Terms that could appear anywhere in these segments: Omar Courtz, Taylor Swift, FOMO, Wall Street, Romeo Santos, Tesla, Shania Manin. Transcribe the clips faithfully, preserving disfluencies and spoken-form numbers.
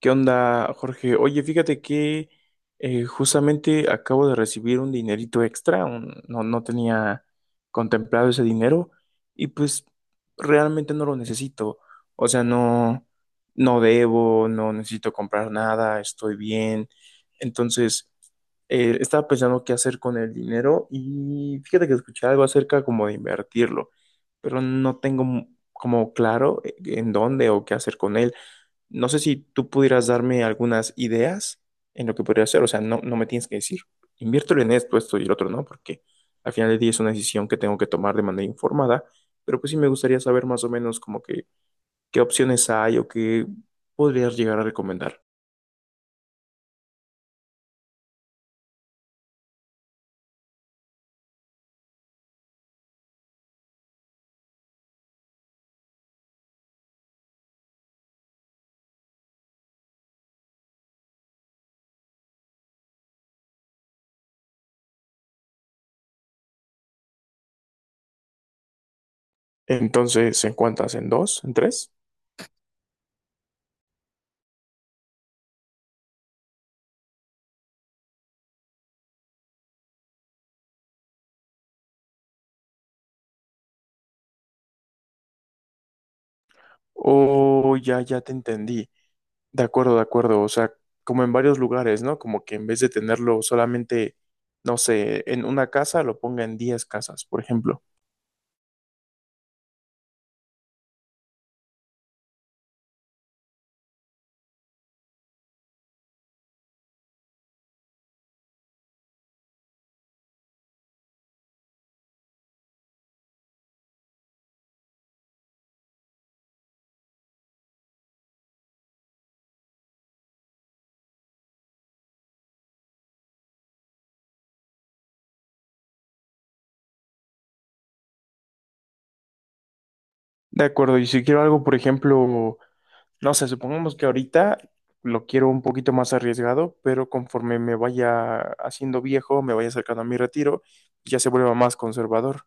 ¿Qué onda, Jorge? Oye, fíjate que eh, justamente acabo de recibir un dinerito extra, un- no, no tenía contemplado ese dinero y pues realmente no lo necesito. O sea, no, no debo, no necesito comprar nada, estoy bien. Entonces, eh, estaba pensando qué hacer con el dinero y fíjate que escuché algo acerca como de invertirlo, pero no tengo mu- como claro, eh, en dónde o qué hacer con él. No sé si tú pudieras darme algunas ideas en lo que podría hacer. O sea, no, no me tienes que decir, inviértelo en esto, esto y el otro, no, porque al final del día es una decisión que tengo que tomar de manera informada. Pero pues sí me gustaría saber más o menos como que qué opciones hay o qué podrías llegar a recomendar. Entonces, ¿en cuántas? ¿En dos? ¿En tres? Oh, ya, ya te entendí. De acuerdo, de acuerdo. O sea, como en varios lugares, ¿no? Como que en vez de tenerlo solamente, no sé, en una casa, lo ponga en diez casas, por ejemplo. De acuerdo, y si quiero algo, por ejemplo, no sé, supongamos que ahorita lo quiero un poquito más arriesgado, pero conforme me vaya haciendo viejo, me vaya acercando a mi retiro, ya se vuelva más conservador.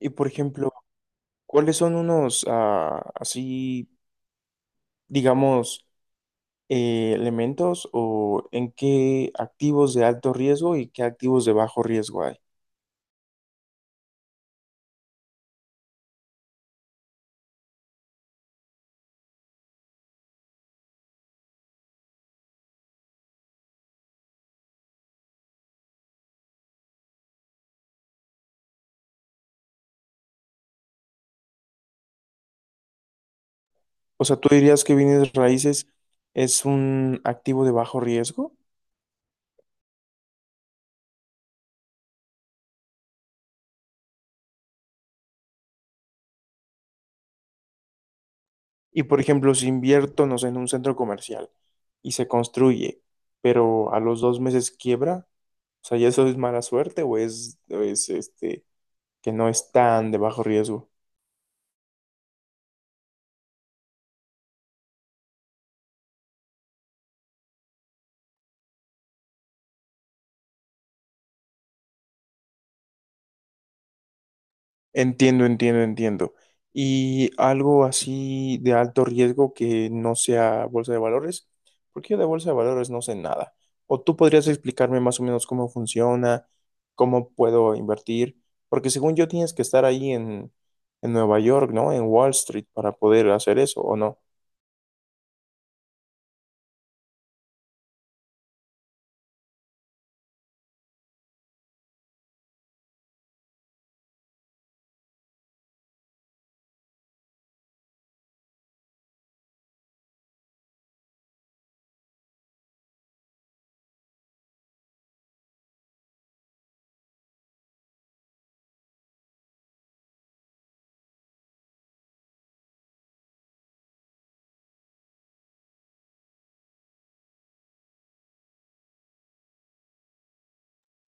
Y por ejemplo, ¿cuáles son unos ah, así, digamos, eh, elementos o en qué activos de alto riesgo y qué activos de bajo riesgo hay? O sea, ¿tú dirías que bienes raíces es un activo de bajo riesgo? Y por ejemplo, si invierto, no sé, en un centro comercial y se construye, pero a los dos meses quiebra, o sea, ¿ya eso es mala suerte o es, o es este, que no es tan de bajo riesgo? Entiendo, entiendo, entiendo. Y algo así de alto riesgo que no sea bolsa de valores, porque yo de bolsa de valores no sé nada. O tú podrías explicarme más o menos cómo funciona, cómo puedo invertir, porque según yo tienes que estar ahí en, en Nueva York, ¿no? En Wall Street para poder hacer eso, ¿o no?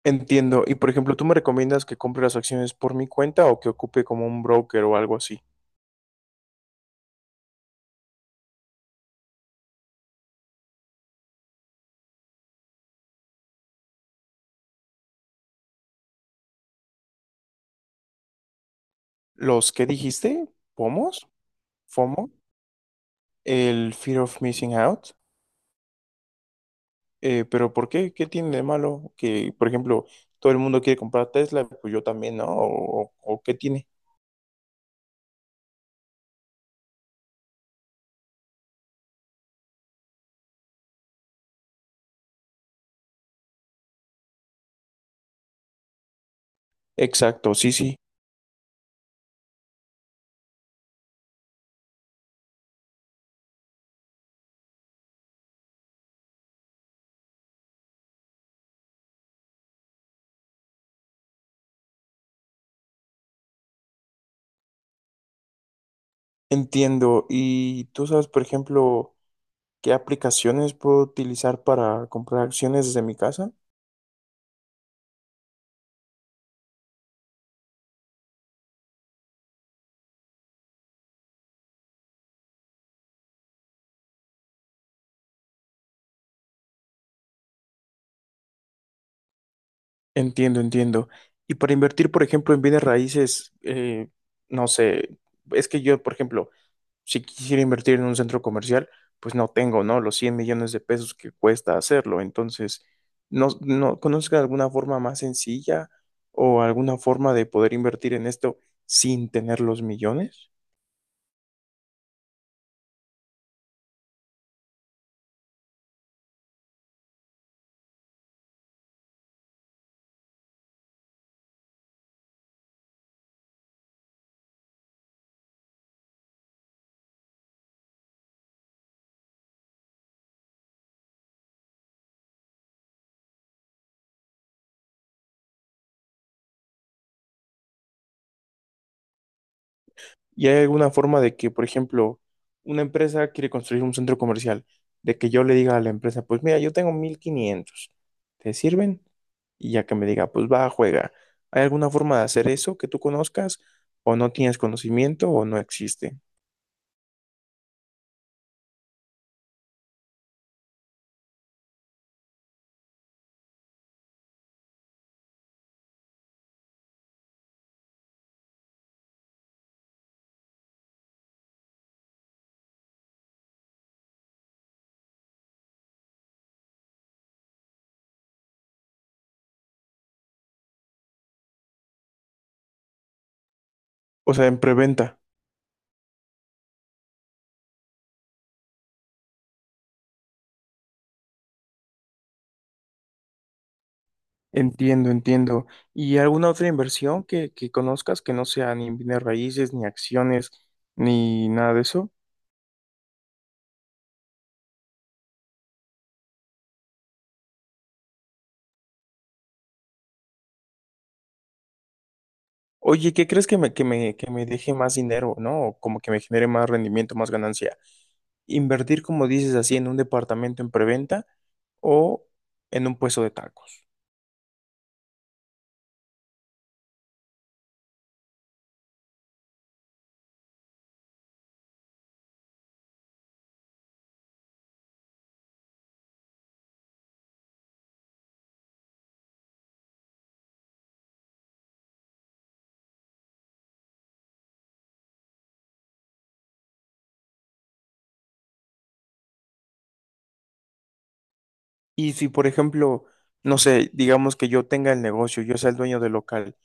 Entiendo. Y por ejemplo, ¿tú me recomiendas que compre las acciones por mi cuenta o que ocupe como un broker o algo así? ¿Los que dijiste? ¿POMOS? ¿FOMO? ¿El Fear of Missing Out? Eh, pero ¿por qué? ¿Qué tiene de malo? Que, por ejemplo, todo el mundo quiere comprar Tesla, pues yo también, ¿no? ¿O, o qué tiene? Exacto, sí, sí, entiendo. ¿Y tú sabes, por ejemplo, qué aplicaciones puedo utilizar para comprar acciones desde mi casa? Entiendo, entiendo. Y para invertir, por ejemplo, en bienes raíces, eh, no sé, es que yo, por ejemplo, si quisiera invertir en un centro comercial, pues no tengo, ¿no? Los cien millones de pesos que cuesta hacerlo. Entonces, ¿no, no conozca alguna forma más sencilla o alguna forma de poder invertir en esto sin tener los millones? ¿Y hay alguna forma de que, por ejemplo, una empresa quiere construir un centro comercial, de que yo le diga a la empresa, pues mira, yo tengo mil quinientos, ¿te sirven? Y ya que me diga, pues va, juega. ¿Hay alguna forma de hacer eso que tú conozcas o no tienes conocimiento o no existe? O sea, en preventa. Entiendo, entiendo. ¿Y alguna otra inversión que, que conozcas que no sea ni bienes raíces, ni acciones, ni nada de eso? Oye, ¿qué crees que me, que me, que me deje más dinero, ¿no? O como que me genere más rendimiento, más ganancia. Invertir, como dices así, en un departamento en preventa o en un puesto de tacos. Y si, por ejemplo, no sé, digamos que yo tenga el negocio, yo sea el dueño del local,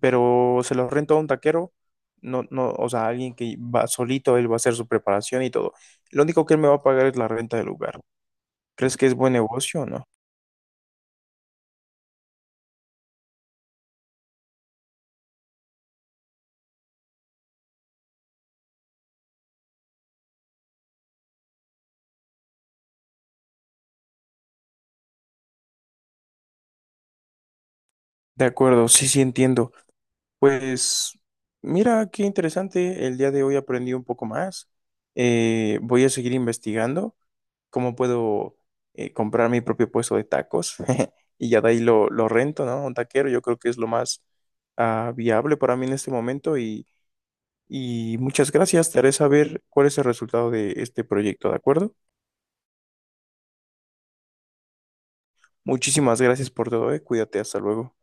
pero se los rento a un taquero, no, no, o sea, alguien que va solito, él va a hacer su preparación y todo. Lo único que él me va a pagar es la renta del lugar. ¿Crees que es buen negocio o no? De acuerdo, sí, sí entiendo. Pues mira, qué interesante, el día de hoy aprendí un poco más. Eh, voy a seguir investigando cómo puedo eh, comprar mi propio puesto de tacos y ya de ahí lo, lo rento, ¿no? Un taquero, yo creo que es lo más ah, viable para mí en este momento y Y muchas gracias, te haré saber cuál es el resultado de este proyecto, ¿de acuerdo? Muchísimas gracias por todo, eh. Cuídate, hasta luego.